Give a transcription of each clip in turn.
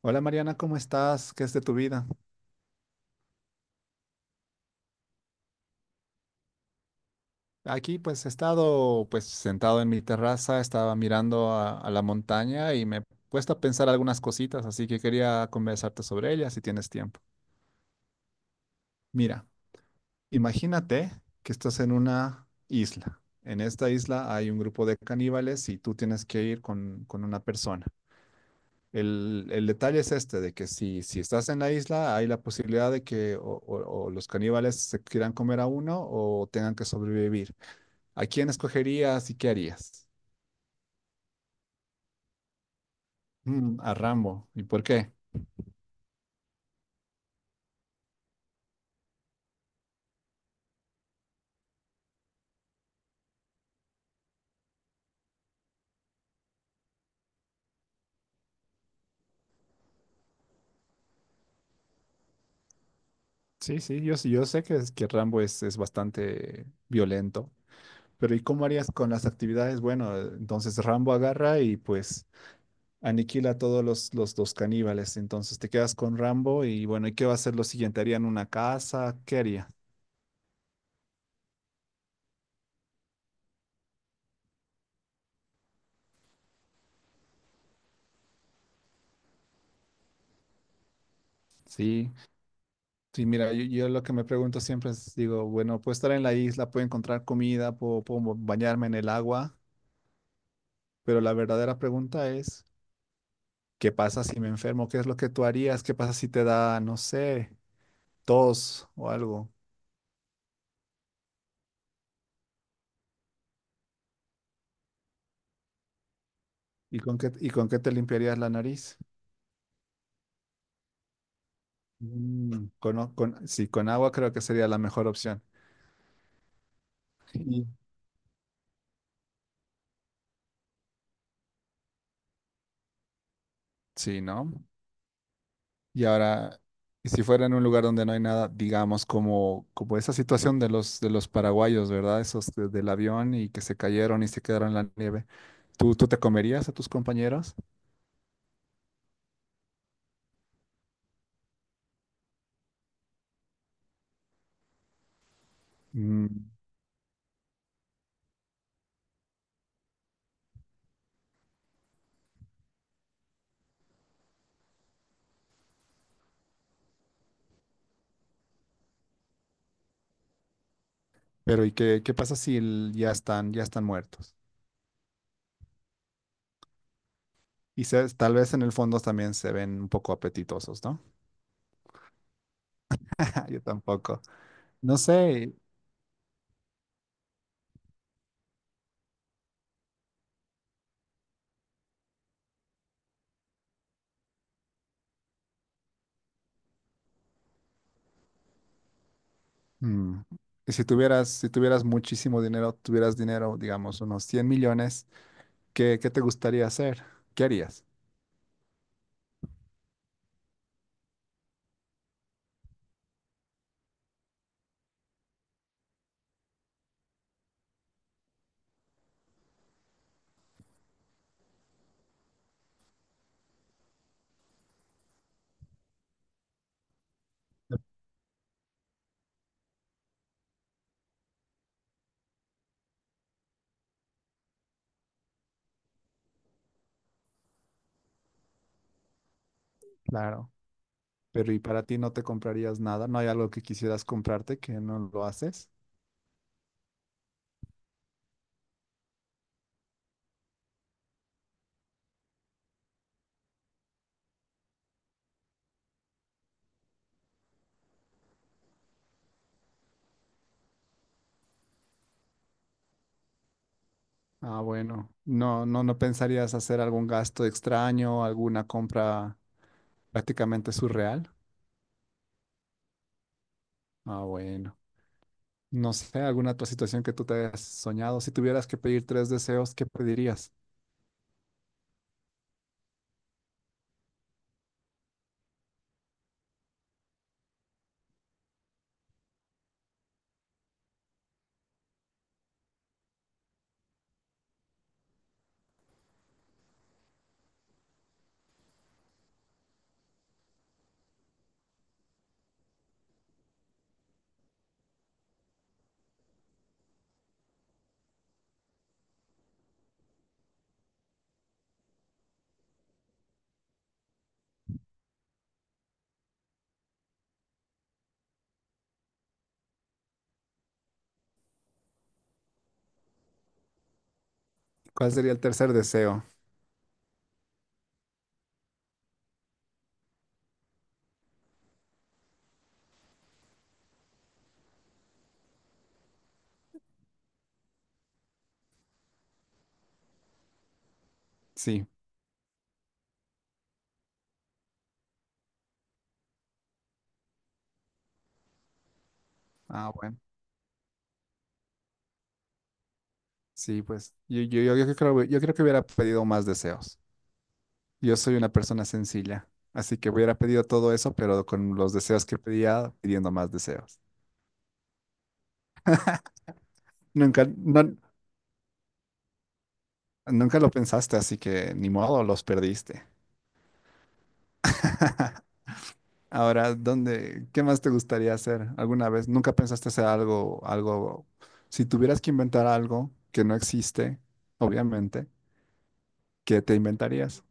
Hola Mariana, ¿cómo estás? ¿Qué es de tu vida? Aquí pues he estado pues sentado en mi terraza, estaba mirando a la montaña y me he puesto a pensar algunas cositas, así que quería conversarte sobre ellas si tienes tiempo. Mira, imagínate que estás en una isla. En esta isla hay un grupo de caníbales y tú tienes que ir con una persona. El detalle es este, de que si estás en la isla, hay la posibilidad de que o los caníbales se quieran comer a uno o tengan que sobrevivir. ¿A quién escogerías y qué harías? A Rambo. ¿Y por qué? Sí, sí, yo sé que Rambo es bastante violento, pero ¿y cómo harías con las actividades? Bueno, entonces Rambo agarra y pues aniquila a todos los caníbales. Entonces te quedas con Rambo y bueno, ¿y qué va a ser lo siguiente? ¿Harían una casa? ¿Qué haría? Sí, sí, mira, yo lo que me pregunto siempre es, digo, bueno, puedo estar en la isla, puedo encontrar comida, puedo bañarme en el agua, pero la verdadera pregunta es. ¿Qué pasa si me enfermo? ¿Qué es lo que tú harías? ¿Qué pasa si te da, no sé, tos o algo? ¿Y con qué te limpiarías la nariz? Mm, con, o- con- sí, con agua creo que sería la mejor opción. Y- Sí, ¿no? Y ahora, si fuera en un lugar donde no hay nada, digamos, como esa situación de de los paraguayos, ¿verdad? Esos del avión y que se cayeron y se quedaron en la nieve. ¿Tú te comerías a tus compañeros? Mm, pero ¿y qué pasa si ya están muertos? Y tal vez en el fondo también se ven un poco apetitosos, ¿no? Yo tampoco. No sé. mm, Y si tuvieras muchísimo dinero, tuvieras dinero, digamos, unos 100 millones, ¿qué te gustaría hacer? ¿Qué harías? Claro. Pero ¿y para ti no te comprarías nada? ¿No hay algo que quisieras comprarte que no lo haces? Ah, bueno. No, no, no pensarías hacer algún gasto extraño, alguna compra prácticamente surreal. Ah, bueno. No sé, alguna otra situación que tú te hayas soñado. Si tuvieras que pedir tres deseos, ¿qué pedirías? ¿Cuál sería el tercer deseo? Sí. Ah, bueno. Sí, pues yo creo que hubiera pedido más deseos. Yo soy una persona sencilla, así que hubiera pedido todo eso, pero con los deseos que pedía, pidiendo más deseos. Nunca, no- nunca lo pensaste, así que ni modo, los perdiste. Ahora, qué más te gustaría hacer alguna vez? ¿Nunca pensaste hacer algo, si tuvieras que inventar algo que no existe, obviamente, ¿qué te inventarías?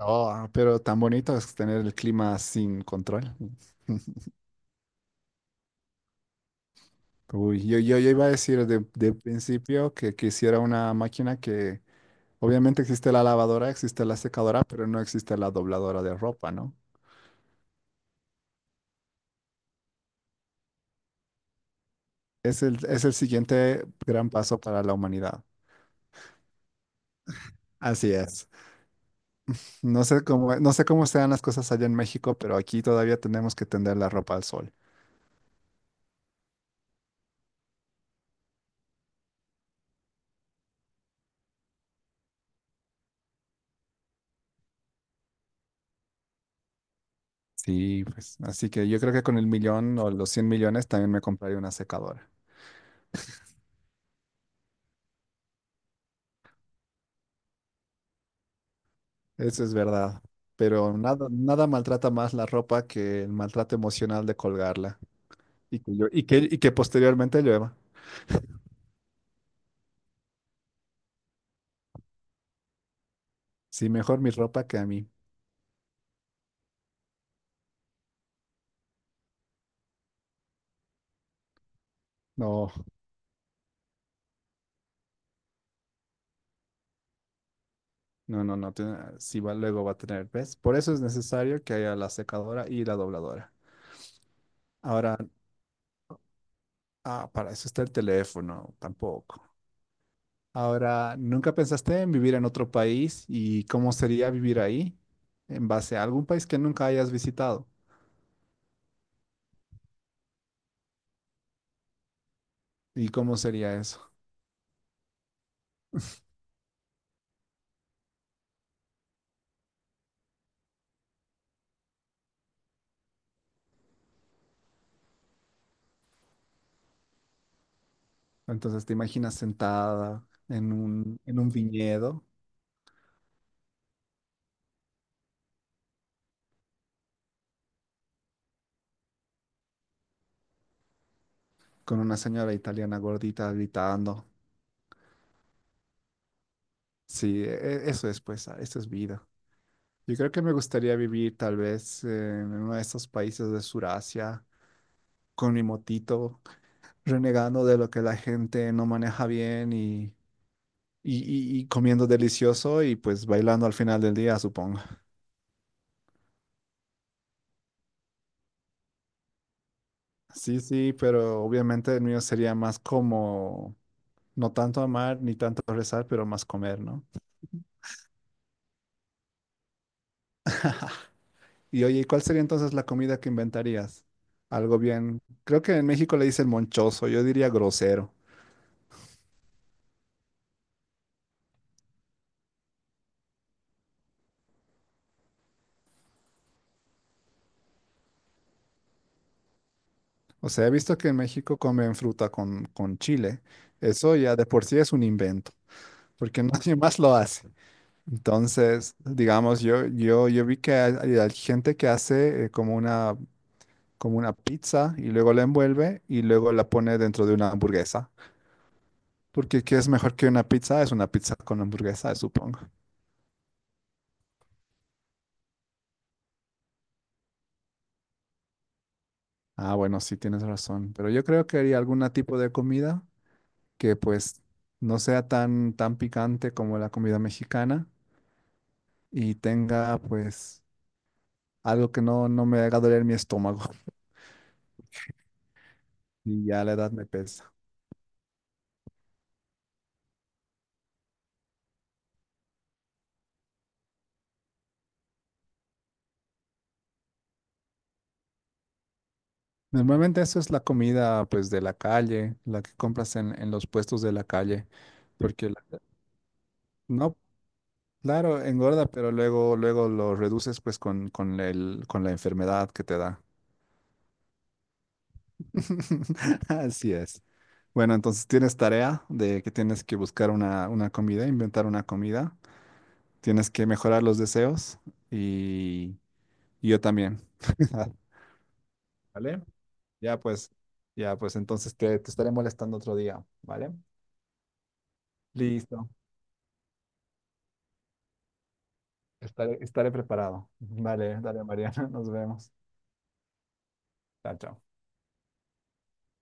Oh, pero tan bonito es tener el clima sin control. Uy, yo iba a decir de principio que quisiera una máquina que, obviamente existe la lavadora, existe la secadora, pero no existe la dobladora de ropa, ¿no? Es el siguiente gran paso para la humanidad. Así es. No sé cómo sean las cosas allá en México, pero aquí todavía tenemos que tender la ropa al sol. Sí, pues. Así que yo creo que con el millón o los 100 millones también me compraría una secadora. Eso es verdad. Pero nada, nada maltrata más la ropa que el maltrato emocional de colgarla y que, llo- y que posteriormente llueva. Sí, mejor mi ropa que a mí. No, no, no, no. si va, Luego va a tener, ¿ves? Por eso es necesario que haya la secadora y la dobladora. Ahora, para eso está el teléfono, tampoco. Ahora, ¿nunca pensaste en vivir en otro país y cómo sería vivir ahí en base a algún país que nunca hayas visitado? ¿Y cómo sería eso? Entonces, ¿te imaginas sentada en en un viñedo con una señora italiana gordita gritando? Sí, eso es vida. Yo creo que me gustaría vivir tal vez en uno de esos países de Surasia con mi motito, renegando de lo que la gente no maneja bien Y, y comiendo delicioso y pues bailando al final del día, supongo. Sí, sí, pero obviamente el mío sería más como, no tanto amar ni tanto rezar, pero más comer, ¿no? Y oye, ¿cuál sería entonces la comida que inventarías? Algo bien, creo que en México le dicen monchoso, yo diría grosero. O sea, he visto que en México comen fruta con chile. Eso ya de por sí es un invento, porque nadie más lo hace. Entonces, digamos, yo vi que hay gente que hace como una pizza y luego la envuelve y luego la pone dentro de una hamburguesa. Porque ¿qué es mejor que una pizza? Es una pizza con hamburguesa, supongo. Ah, bueno, sí tienes razón, pero yo creo que haría algún tipo de comida que pues no sea tan picante como la comida mexicana y tenga pues algo que no me haga doler mi estómago y ya la edad me pesa. Normalmente eso es la comida pues de la calle, la que compras en los puestos de la calle, porque la- no, claro, engorda, pero luego lo reduces pues con la enfermedad que te da. Así es. Bueno, entonces tienes tarea de que tienes que buscar una comida, inventar una comida, tienes que mejorar los deseos y, y yo también. ¿Vale? Ya pues, ya pues entonces te estaré molestando otro día, ¿vale? Listo, estaré preparado. Vale, dale Mariana, nos vemos. Chao, chao.